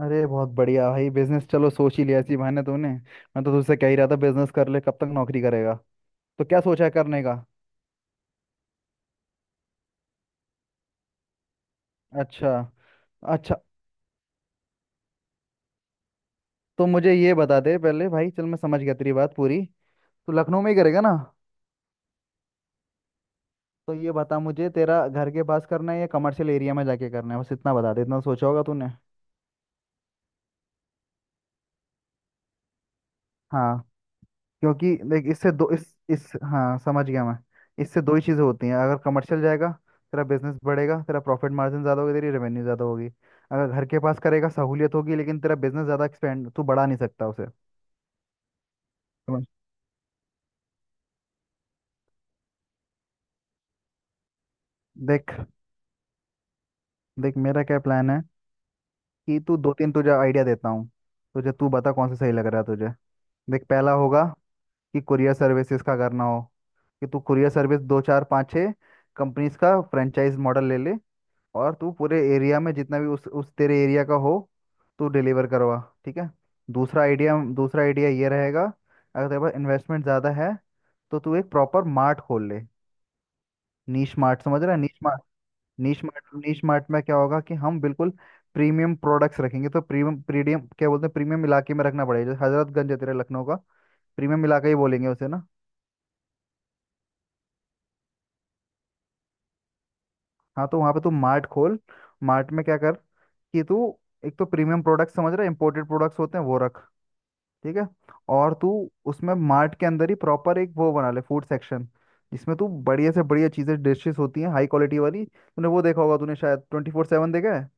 अरे, बहुत बढ़िया भाई, बिजनेस! चलो, सोच ही लिया इसी बहाने तूने। मैं तो तुझसे कह ही रहा था, बिजनेस कर ले, कब तक नौकरी करेगा। तो क्या सोचा है करने का? अच्छा। अच्छा, तो मुझे ये बता दे पहले, भाई। चल, मैं समझ गया तेरी बात पूरी। तू लखनऊ में ही करेगा ना? तो ये बता मुझे, तेरा घर के पास करना है या कमर्शियल एरिया में जाके करना है? बस इतना बता दे, इतना सोचा होगा तूने। हाँ, क्योंकि देख, इससे दो इस हाँ, समझ गया मैं। इससे दो ही चीज़ें होती हैं। अगर कमर्शियल जाएगा, तेरा बिजनेस बढ़ेगा, तेरा प्रॉफिट मार्जिन ज़्यादा होगी, तेरी रेवेन्यू ज़्यादा होगी। अगर घर के पास करेगा, सहूलियत होगी, लेकिन तेरा बिजनेस ज़्यादा एक्सपेंड तू बढ़ा नहीं सकता उसे। समझ। देख। देख मेरा क्या प्लान है कि तू, दो तीन तुझे आइडिया देता हूँ, तुझे तू बता कौन सा सही लग रहा है तुझे। देख, पहला होगा कि कुरियर सर्विसेज का करना हो, कि तू कुरियर सर्विस दो चार पाँच छः कंपनीज का फ्रेंचाइज मॉडल ले ले, और तू पूरे एरिया में जितना भी उस तेरे एरिया का हो, तू डिलीवर करवा। ठीक है। दूसरा आइडिया, दूसरा आइडिया ये रहेगा, अगर तेरे पास इन्वेस्टमेंट ज़्यादा है, तो तू एक प्रॉपर मार्ट खोल ले। नीश मार्ट, समझ रहा है? Niche mart. नीश मार्ट में क्या होगा कि हम बिल्कुल प्रीमियम प्रोडक्ट्स रखेंगे। तो प्रीमियम, प्रीमियम, क्या बोलते हैं, प्रीमियम इलाके में रखना पड़ेगा। जैसे हजरतगंज है तेरे लखनऊ का, प्रीमियम इलाका ही बोलेंगे उसे ना? हाँ, तो वहाँ पे तू मार्ट खोल। मार्ट में क्या कर कि तू एक तो प्रीमियम प्रोडक्ट, समझ रहा है, इंपोर्टेड प्रोडक्ट्स होते हैं वो रख। ठीक है। और तू उसमें, मार्ट के अंदर ही, प्रॉपर एक वो बना ले, फूड सेक्शन। जिसमें तू बढ़िया से बढ़िया चीज़ें, डिशेस होती हैं हाई क्वालिटी वाली, तूने वो देखा होगा, तूने शायद 24/7 देखा है।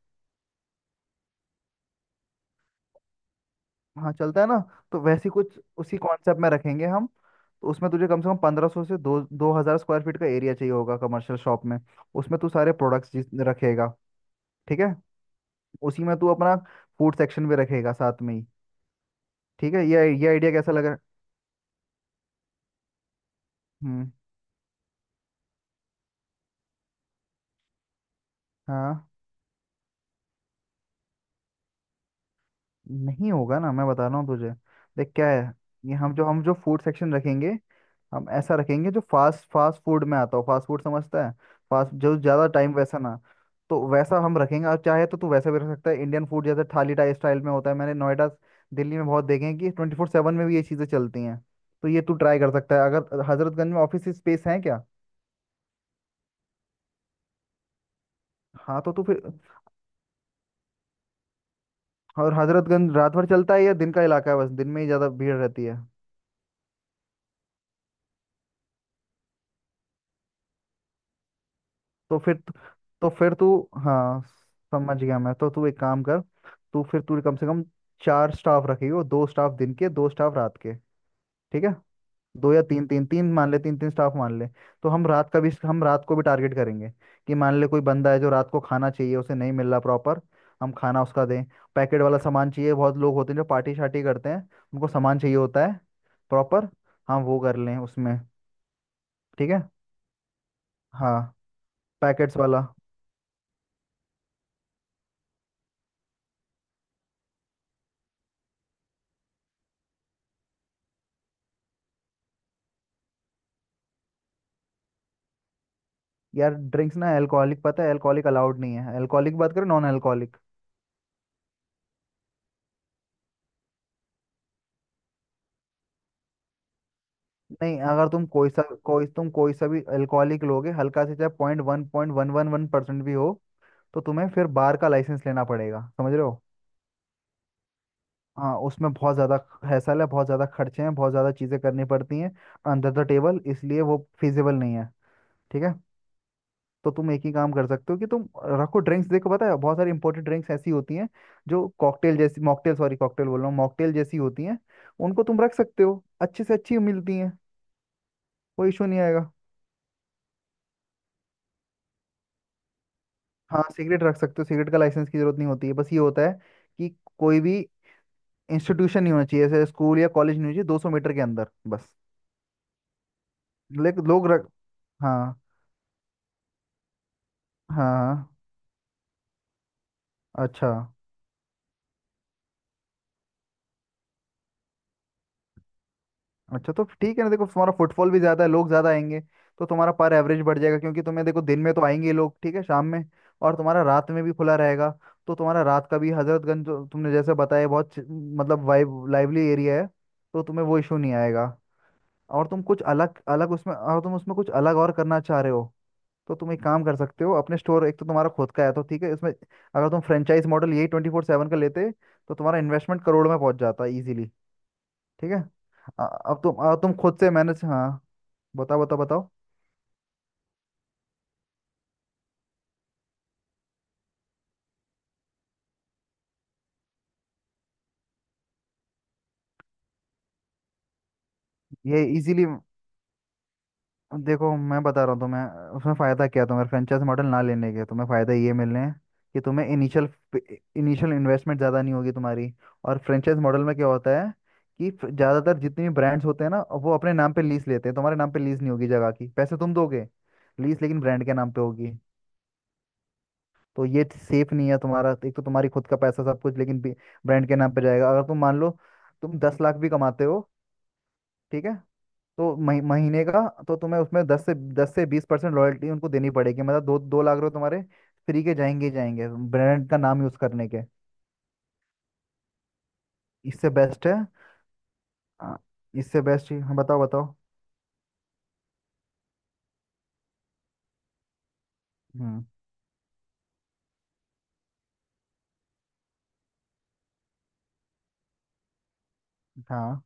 हाँ, चलता है ना। तो वैसे ही कुछ उसी कॉन्सेप्ट में रखेंगे हम। तो उसमें तुझे कम से कम 1500 से दो 2000 स्क्वायर फीट का एरिया चाहिए होगा कमर्शियल शॉप में। उसमें तू सारे प्रोडक्ट्स रखेगा। ठीक है। उसी में तू अपना फूड सेक्शन भी रखेगा साथ में ही। ठीक है, ये आइडिया कैसा लगा? हम्म। हाँ, नहीं होगा ना, मैं बता रहा हूँ तुझे। देख क्या है, ये, हम जो फूड सेक्शन रखेंगे, हम ऐसा रखेंगे जो फास्ट फास्ट फूड में आता हो। फास्ट फूड, समझता है? फास्ट, जो ज़्यादा टाइम वैसा ना। तो वैसा हम रखेंगे, और चाहे तो तू वैसा भी रख सकता है, इंडियन फूड, जैसे थाली टाइप स्टाइल में होता है। मैंने नोएडा, दिल्ली में बहुत देखे हैं कि 24/7 में भी ये चीज़ें चलती हैं। तो ये तू ट्राई कर सकता है। अगर हजरतगंज में ऑफिस स्पेस है क्या? हाँ, तो तू फिर। और हजरतगंज रात भर चलता है या दिन का इलाका है, बस दिन में ही ज़्यादा भीड़ रहती है? तो फिर तू- तो फिर तू, हाँ, समझ गया मैं। तो तू एक काम कर, तू फिर तू कम से कम चार स्टाफ रखेगी, वो दो स्टाफ दिन के, दो स्टाफ रात के। ठीक है। दो या तीन, तीन तीन मान ले, तीन तीन स्टाफ मान ले। तो हम रात का भी, हम रात को भी टारगेट करेंगे कि मान ले कोई बंदा है जो रात को खाना चाहिए उसे नहीं मिल रहा प्रॉपर, हम खाना उसका दें। पैकेट वाला सामान चाहिए, बहुत लोग होते हैं जो पार्टी शार्टी करते हैं, उनको सामान चाहिए होता है प्रॉपर, हम वो कर लें उसमें। ठीक है। हाँ। पैकेट्स वाला। यार, ड्रिंक्स ना, अल्कोहलिक, पता है अल्कोहलिक अलाउड नहीं है। अल्कोहलिक बात करो, नॉन अल्कोहलिक। नहीं, अगर तुम, कोई सा भी अल्कोहलिक लोगे, हल्का से चाहे 0.1, पॉइंट वन वन वन % भी हो, तो तुम्हें फिर बार का लाइसेंस लेना पड़ेगा, समझ रहे हो? हाँ, उसमें बहुत ज़्यादा हैसल है, बहुत ज़्यादा खर्चे हैं, बहुत ज़्यादा चीज़ें करनी पड़ती हैं अंडर द टेबल, इसलिए वो फिजिबल नहीं है। ठीक है। तो तुम एक ही काम कर सकते हो कि तुम रखो ड्रिंक्स। देखो, पता है बहुत सारी इंपोर्टेड ड्रिंक्स ऐसी होती हैं जो कॉकटेल जैसी, मॉकटेल, सॉरी कॉकटेल बोल रहा हूँ, मॉकटेल जैसी होती हैं। उनको तुम रख सकते हो, अच्छे से अच्छी मिलती हैं, कोई इशू नहीं आएगा। हाँ, सिगरेट रख सकते हो, सिगरेट का लाइसेंस की जरूरत नहीं होती है। बस ये होता है कि कोई भी इंस्टीट्यूशन नहीं होना चाहिए, जैसे स्कूल या कॉलेज नहीं होना चाहिए 200 मीटर के अंदर, बस। लेकिन लोग रख। हाँ, हाँ, हाँ, अच्छा। अच्छा, तो ठीक है ना। देखो, तुम्हारा फुटफॉल भी ज्यादा है, लोग ज्यादा आएंगे, तो तुम्हारा पर एवरेज बढ़ जाएगा। क्योंकि तुम्हें देखो, दिन में तो आएंगे ही लोग, ठीक है, शाम में, और तुम्हारा रात में भी खुला रहेगा, तो तुम्हारा रात का भी। हजरतगंज जो तुमने जैसे बताया, बहुत मतलब वाइब, लाइवली एरिया है, तो तुम्हें वो इशू नहीं आएगा। और तुम कुछ अलग अलग उसमें, और तुम उसमें कुछ अलग और करना चाह रहे हो, तो तुम एक काम कर सकते हो अपने स्टोर। एक तो तुम्हारा खुद का है तो ठीक है, इसमें अगर तुम फ्रेंचाइज मॉडल, यही 24/7 का लेते, तो तुम्हारा इन्वेस्टमेंट करोड़ में पहुंच जाता इजीली। ठीक है। अ- अब तुम, खुद से मैनेज, हाँ, बताओ बताओ बताओ। ये इजीली, देखो, मैं बता रहा हूँ तुम्हें उसमें फ़ायदा क्या है, तुम्हारे फ्रेंचाइज मॉडल ना लेने के तुम्हें फ़ायदा ये मिलने हैं कि तुम्हें इनिशियल, इन्वेस्टमेंट ज़्यादा नहीं होगी तुम्हारी। और फ्रेंचाइज मॉडल में क्या होता है कि ज़्यादातर जितने भी ब्रांड्स होते हैं ना, वो अपने नाम पे लीज लेते हैं, तुम्हारे नाम पे लीज नहीं होगी जगह की। पैसे तुम दोगे, लीज लेकिन ब्रांड के नाम पे होगी। तो ये सेफ नहीं है तुम्हारा, एक तो तुम्हारी खुद का पैसा सब कुछ, लेकिन ब्रांड के नाम पे जाएगा। अगर तुम, मान लो, तुम 10 लाख भी कमाते हो, ठीक है, तो महीने का। तो तुम्हें उसमें 10 से 20% रॉयल्टी उनको देनी पड़ेगी, मतलब 2-2 लाख रुपए तुम्हारे फ्री के जाएंगे ही जाएंगे, ब्रांड का नाम यूज करने के। इससे बेस्ट है। आ, इससे बेस्ट ही, हाँ, बताओ बताओ। हम्म, हाँ,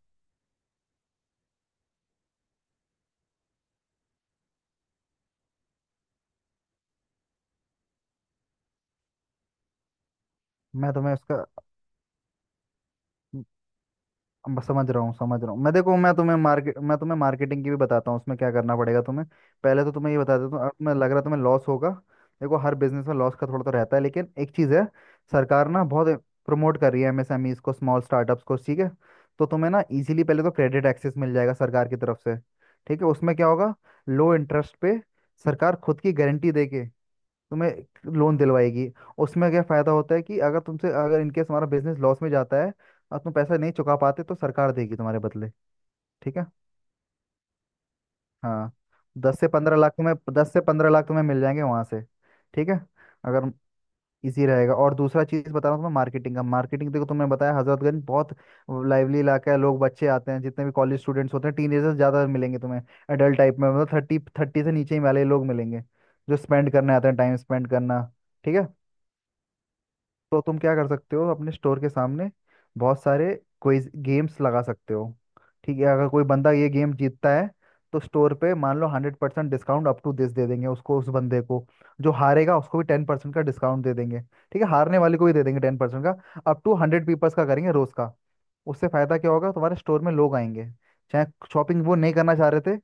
मैं तुम्हें उसका, अब समझ रहा हूँ, समझ रहा हूँ मैं। देखो, मैं तुम्हें मार्केट, मैं तुम्हें मार्केटिंग की भी बताता हूँ, उसमें क्या करना पड़ेगा तुम्हें। पहले तो तुम्हें ये बता देता हूँ, अब तुम्हें लग रहा है तुम्हें लॉस होगा। देखो, हर बिजनेस में लॉस का थोड़ा तो रहता है, लेकिन एक चीज़ है, सरकार ना बहुत प्रमोट कर रही है MSMEs को, स्मॉल स्टार्टअप्स को। ठीक है। तो तुम्हें ना इजीली पहले तो क्रेडिट एक्सेस मिल जाएगा सरकार की तरफ से। ठीक है, उसमें क्या होगा, लो इंटरेस्ट पे सरकार खुद की गारंटी देके तुम्हें लोन दिलवाएगी। उसमें क्या फ़ायदा होता है कि अगर तुमसे, अगर इनकेस हमारा बिजनेस लॉस में जाता है और तुम पैसा नहीं चुका पाते, तो सरकार देगी तुम्हारे बदले। ठीक है। हाँ, 10 से 15 लाख तुम्हें, 10 से 15 लाख तुम्हें मिल जाएंगे वहां से। ठीक है। अगर इजी रहेगा। और दूसरा चीज बता रहा हूँ तुम्हें, मार्केटिंग का। मार्केटिंग, देखो, तुमने बताया हजरतगंज बहुत लाइवली इलाका है, लोग, बच्चे आते हैं, जितने भी कॉलेज स्टूडेंट्स होते हैं, टीनेजर्स ज्यादा मिलेंगे तुम्हें, एडल्ट टाइप में, मतलब 30, 30 से नीचे ही वाले लोग मिलेंगे, जो स्पेंड करने आते हैं, टाइम स्पेंड करना। ठीक है। तो तुम क्या कर सकते हो, अपने स्टोर के सामने बहुत सारे क्विज गेम्स लगा सकते हो। ठीक है, अगर कोई बंदा ये गेम जीतता है, तो स्टोर पे मान लो 100% डिस्काउंट अप टू दिस दे देंगे उसको, उस बंदे को। जो हारेगा उसको भी 10% का डिस्काउंट दे देंगे, ठीक है, हारने वाले को भी दे देंगे 10% का। अप टू 100 पीपल्स का करेंगे रोज का। उससे फायदा क्या होगा, तुम्हारे स्टोर में लोग आएंगे, चाहे शॉपिंग वो नहीं करना चाह रहे थे,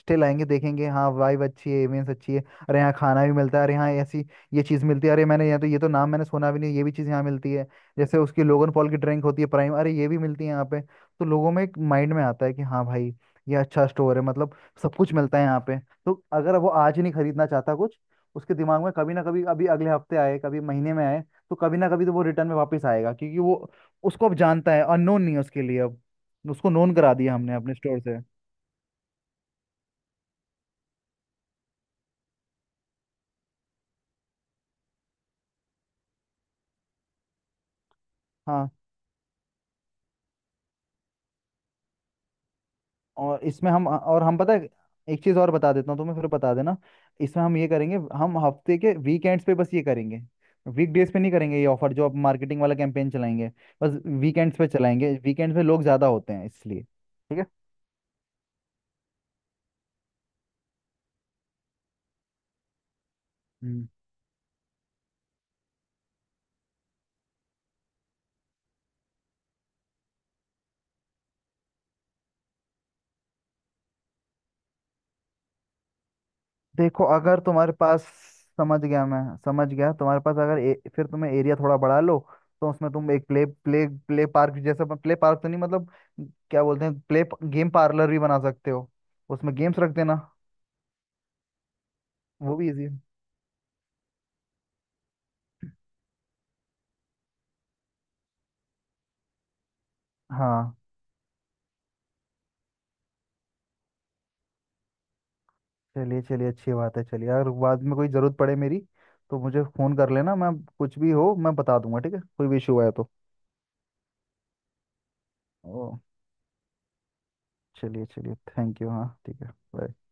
स्टिल आएंगे, देखेंगे, हाँ वाइब अच्छी है, इमेज अच्छी है, अरे यहाँ खाना भी मिलता है, अरे यहाँ ऐसी ये चीज़ मिलती है, अरे मैंने यहाँ, तो ये तो नाम मैंने सुना भी नहीं, ये भी चीज़ यहाँ मिलती है। जैसे उसकी लोगन पॉल की ड्रिंक होती है प्राइम, अरे ये भी मिलती है यहाँ पे, तो लोगों में एक माइंड में आता है कि हाँ भाई, ये अच्छा स्टोर है, मतलब सब कुछ मिलता है यहाँ पे। तो अगर वो आज ही नहीं खरीदना चाहता कुछ, उसके दिमाग में कभी ना कभी, अभी अगले हफ्ते आए, कभी महीने में आए, तो कभी ना कभी तो वो रिटर्न में वापस आएगा, क्योंकि वो उसको अब जानता है, अननोन नहीं है उसके लिए अब, उसको नोन करा दिया हमने अपने स्टोर से। हाँ। और इसमें हम, और हम, पता है एक चीज़ और बता देता हूँ तुम्हें, फिर बता देना। इसमें हम ये करेंगे, हम हफ्ते के वीकेंड्स पे बस ये करेंगे, वीकडेज पे नहीं करेंगे ये ऑफर, जो अब मार्केटिंग वाला कैंपेन चलाएंगे बस वीकेंड्स पे चलाएंगे। वीकेंड्स पे लोग ज़्यादा होते हैं इसलिए। ठीक है। हम्म। देखो अगर तुम्हारे पास, समझ गया मैं। समझ गया, तुम्हारे पास अगर, फिर तुम्हें एरिया थोड़ा बढ़ा लो, तो उसमें तुम एक प्ले, प्ले प्ले पार्क जैसा, प्ले पार्क तो नहीं, मतलब क्या बोलते हैं, प्ले गेम पार्लर भी बना सकते हो। उसमें गेम्स रख देना, वो भी इजी है। हाँ। चलिए, चलिए, अच्छी बात है। चलिए, अगर बाद में कोई ज़रूरत पड़े मेरी, तो मुझे फ़ोन कर लेना, मैं कुछ भी हो मैं बता दूंगा, ठीक है, कोई भी इशू आया तो। ओ, चलिए चलिए, थैंक यू, हाँ, ठीक है। Bye।